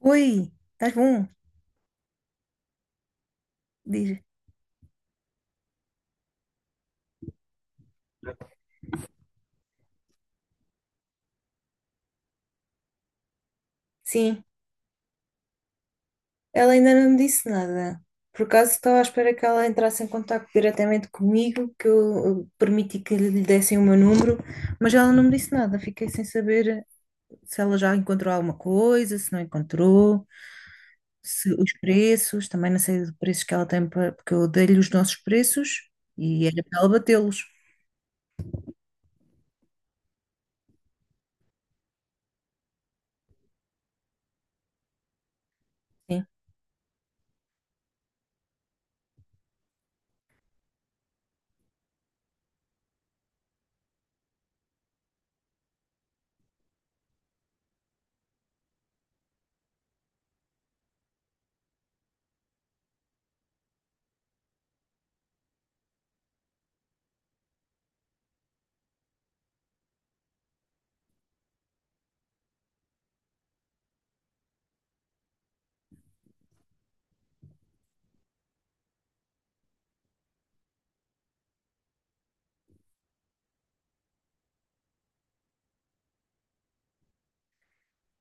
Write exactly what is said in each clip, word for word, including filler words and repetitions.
Oi, estás bom? Diz. Sim, ela ainda não me disse nada. Por acaso estava à espera que ela entrasse em contato diretamente comigo, que eu eh, permiti que lhe dessem o meu número, mas ela não me disse nada. Fiquei sem saber se ela já encontrou alguma coisa, se não encontrou, se os preços, também não sei os preços que ela tem, para, porque eu dei-lhe os nossos preços e era para ela batê-los. Sim.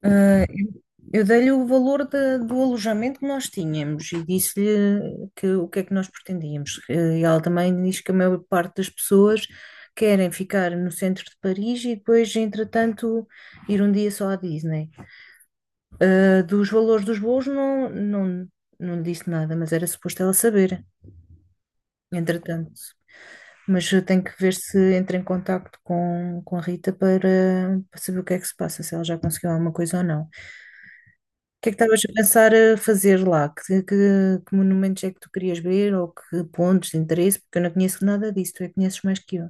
Ah, eu eu dei-lhe o valor da- do alojamento que nós tínhamos e disse-lhe que, o que é que nós pretendíamos. E ela também diz que a maior parte das pessoas querem ficar no centro de Paris e depois, entretanto, ir um dia só à Disney. Ah, dos valores dos voos não, não, não lhe disse nada, mas era suposto ela saber, entretanto. Mas eu tenho que ver se entra em contacto com, com a Rita para, para saber o que é que se passa, se ela já conseguiu alguma coisa ou não. Que é que estavas a pensar a fazer lá? Que, que, que monumentos é que tu querias ver ou que pontos de interesse? Porque eu não conheço nada disso, tu é que conheces mais que eu.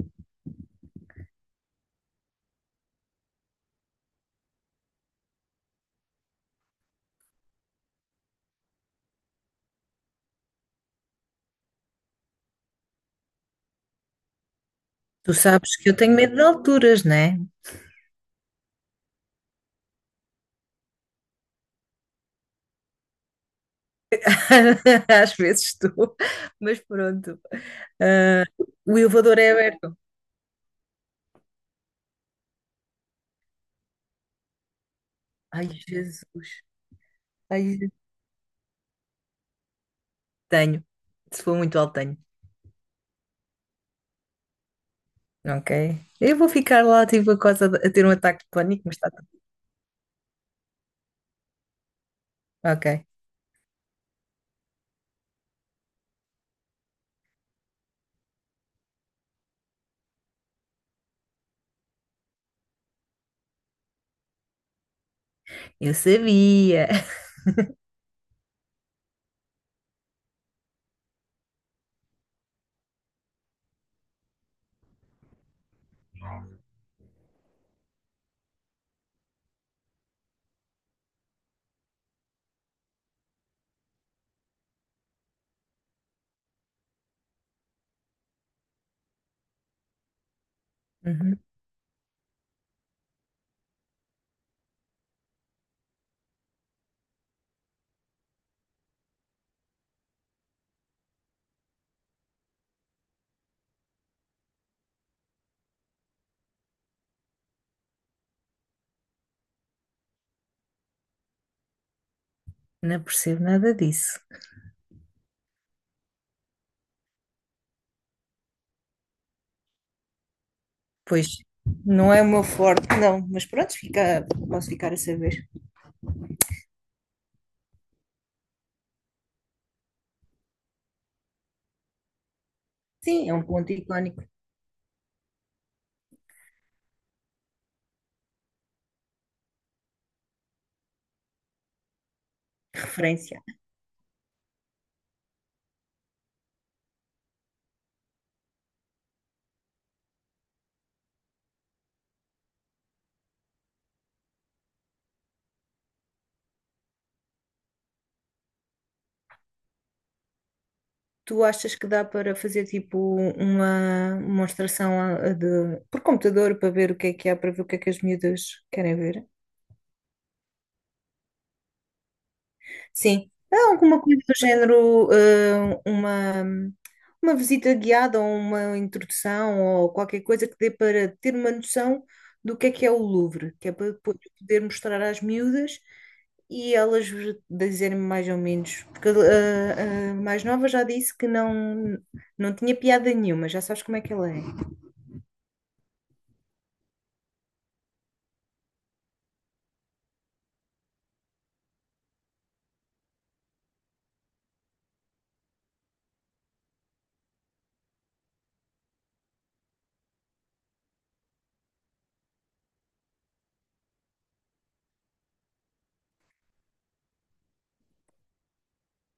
Tu sabes que eu tenho medo de alturas, né? Às vezes estou, mas pronto. O elevador é aberto. Ai, Jesus. Ai, Jesus, tenho. Se for muito alto, tenho. Ok. Eu vou ficar lá, tipo, a, coisa de- a ter um ataque de pânico, mas está tudo. Ok. Eu sabia. Uhum. Não percebo nada disso. Pois, não é o meu forte, não, mas pronto, fica, posso ficar a saber. Sim, é um ponto icónico de referência. Tu achas que dá para fazer tipo uma demonstração a- a de, por computador para ver o que é que há, para ver o que é que as miúdas querem ver? Sim, é alguma coisa do género, eh, uma, uma visita guiada ou uma introdução ou qualquer coisa que dê para ter uma noção do que é que é o Louvre, que é para depois poder mostrar às miúdas e elas dizerem mais ou menos. Porque eh, a mais nova já disse que não, não tinha piada nenhuma, já sabes como é que ela é.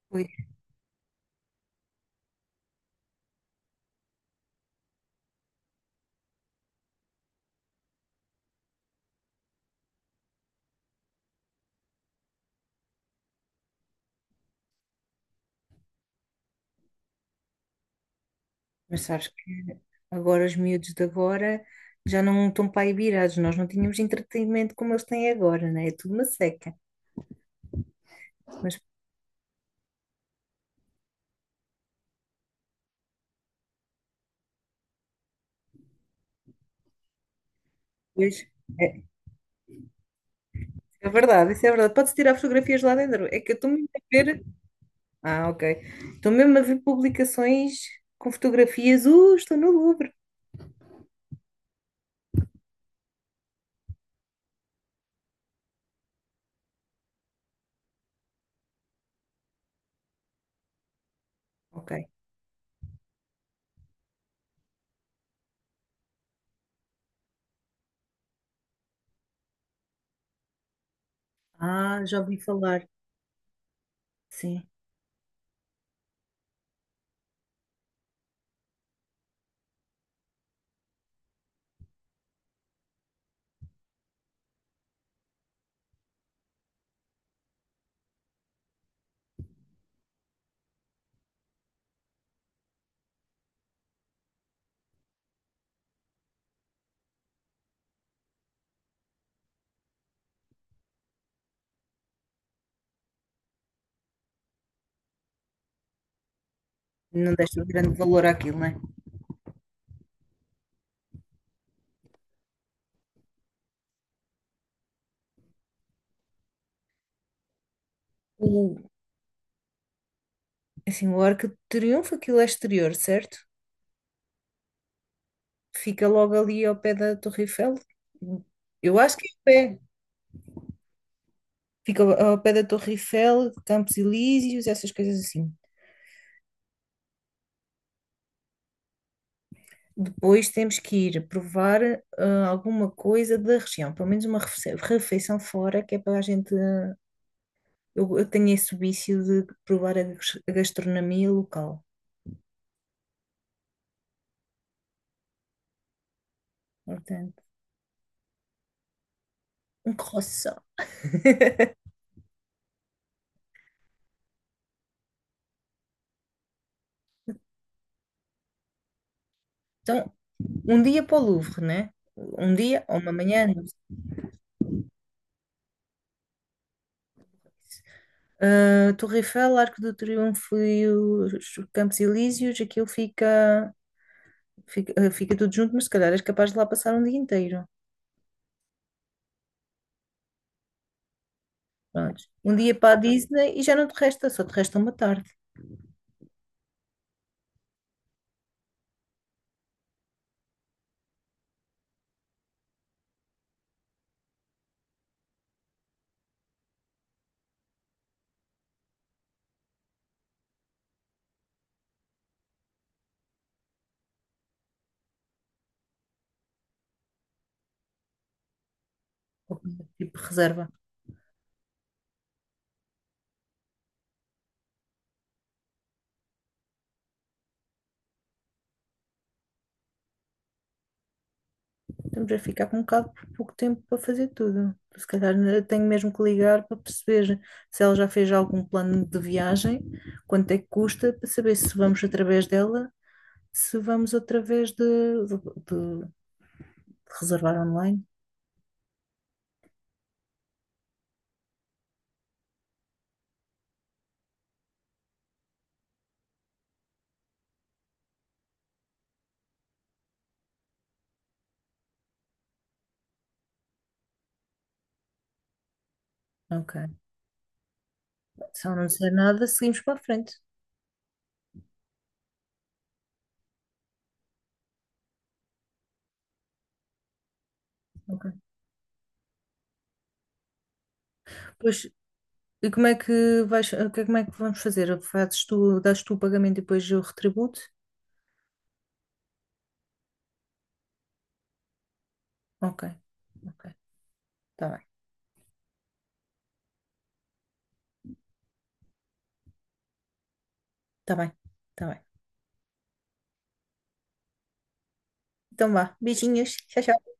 Pois, mas sabes que agora os miúdos de agora já não estão para aí virados, nós não tínhamos entretenimento como eles têm agora, né? É tudo uma seca. Mas depois. É, isso é verdade, isso é verdade. Pode-se tirar fotografias lá dentro. É que eu estou mesmo a ver. Ah, ok. Estou mesmo a ver publicações com fotografias. Uh, estou no Louvre. Ok. Ah, já ouvi falar. Sim. Não deste um grande valor àquilo, não é? O, assim, o Arco de Triunfo, aquilo é exterior, certo? Fica logo ali ao pé da Torre Eiffel. Eu acho que é ao pé. Fica ao ao pé da Torre Eiffel, Campos Elíseos, essas coisas assim. Depois temos que ir provar ah, alguma coisa da região, pelo menos uma refe- refeição fora, que é para a gente, ah, eu, eu tenho esse vício de provar a gas- a gastronomia local. Portanto, um croissant. Então, um dia para o Louvre, né? Um dia ou uma manhã, não sei. Ah, Torre Eiffel, Arco do Triunfo e os Campos Elíseos, aquilo fica, fica, ah, fica tudo junto, mas se calhar és capaz de lá passar um dia inteiro. Pronto. Um dia para a Disney e já não te resta, só te resta uma tarde. Ou coisa tipo reserva. Estamos a ficar com um bocado por pouco tempo para fazer tudo. Se calhar eu tenho mesmo que ligar para perceber se ela já fez algum plano de viagem, quanto é que custa, para saber se vamos através dela se vamos outra vez de, de- de- de reservar online. Ok. Se eu não dizer nada, seguimos para a frente. Ok. Pois, e como é que vais, o que é- como é que vamos fazer? Fazes tu, dás tu o pagamento e depois eu retributo? Ok. Ok. Tá bem. Tá bem, tá bem. Então vá. Beijinhos. Tchau, tchau.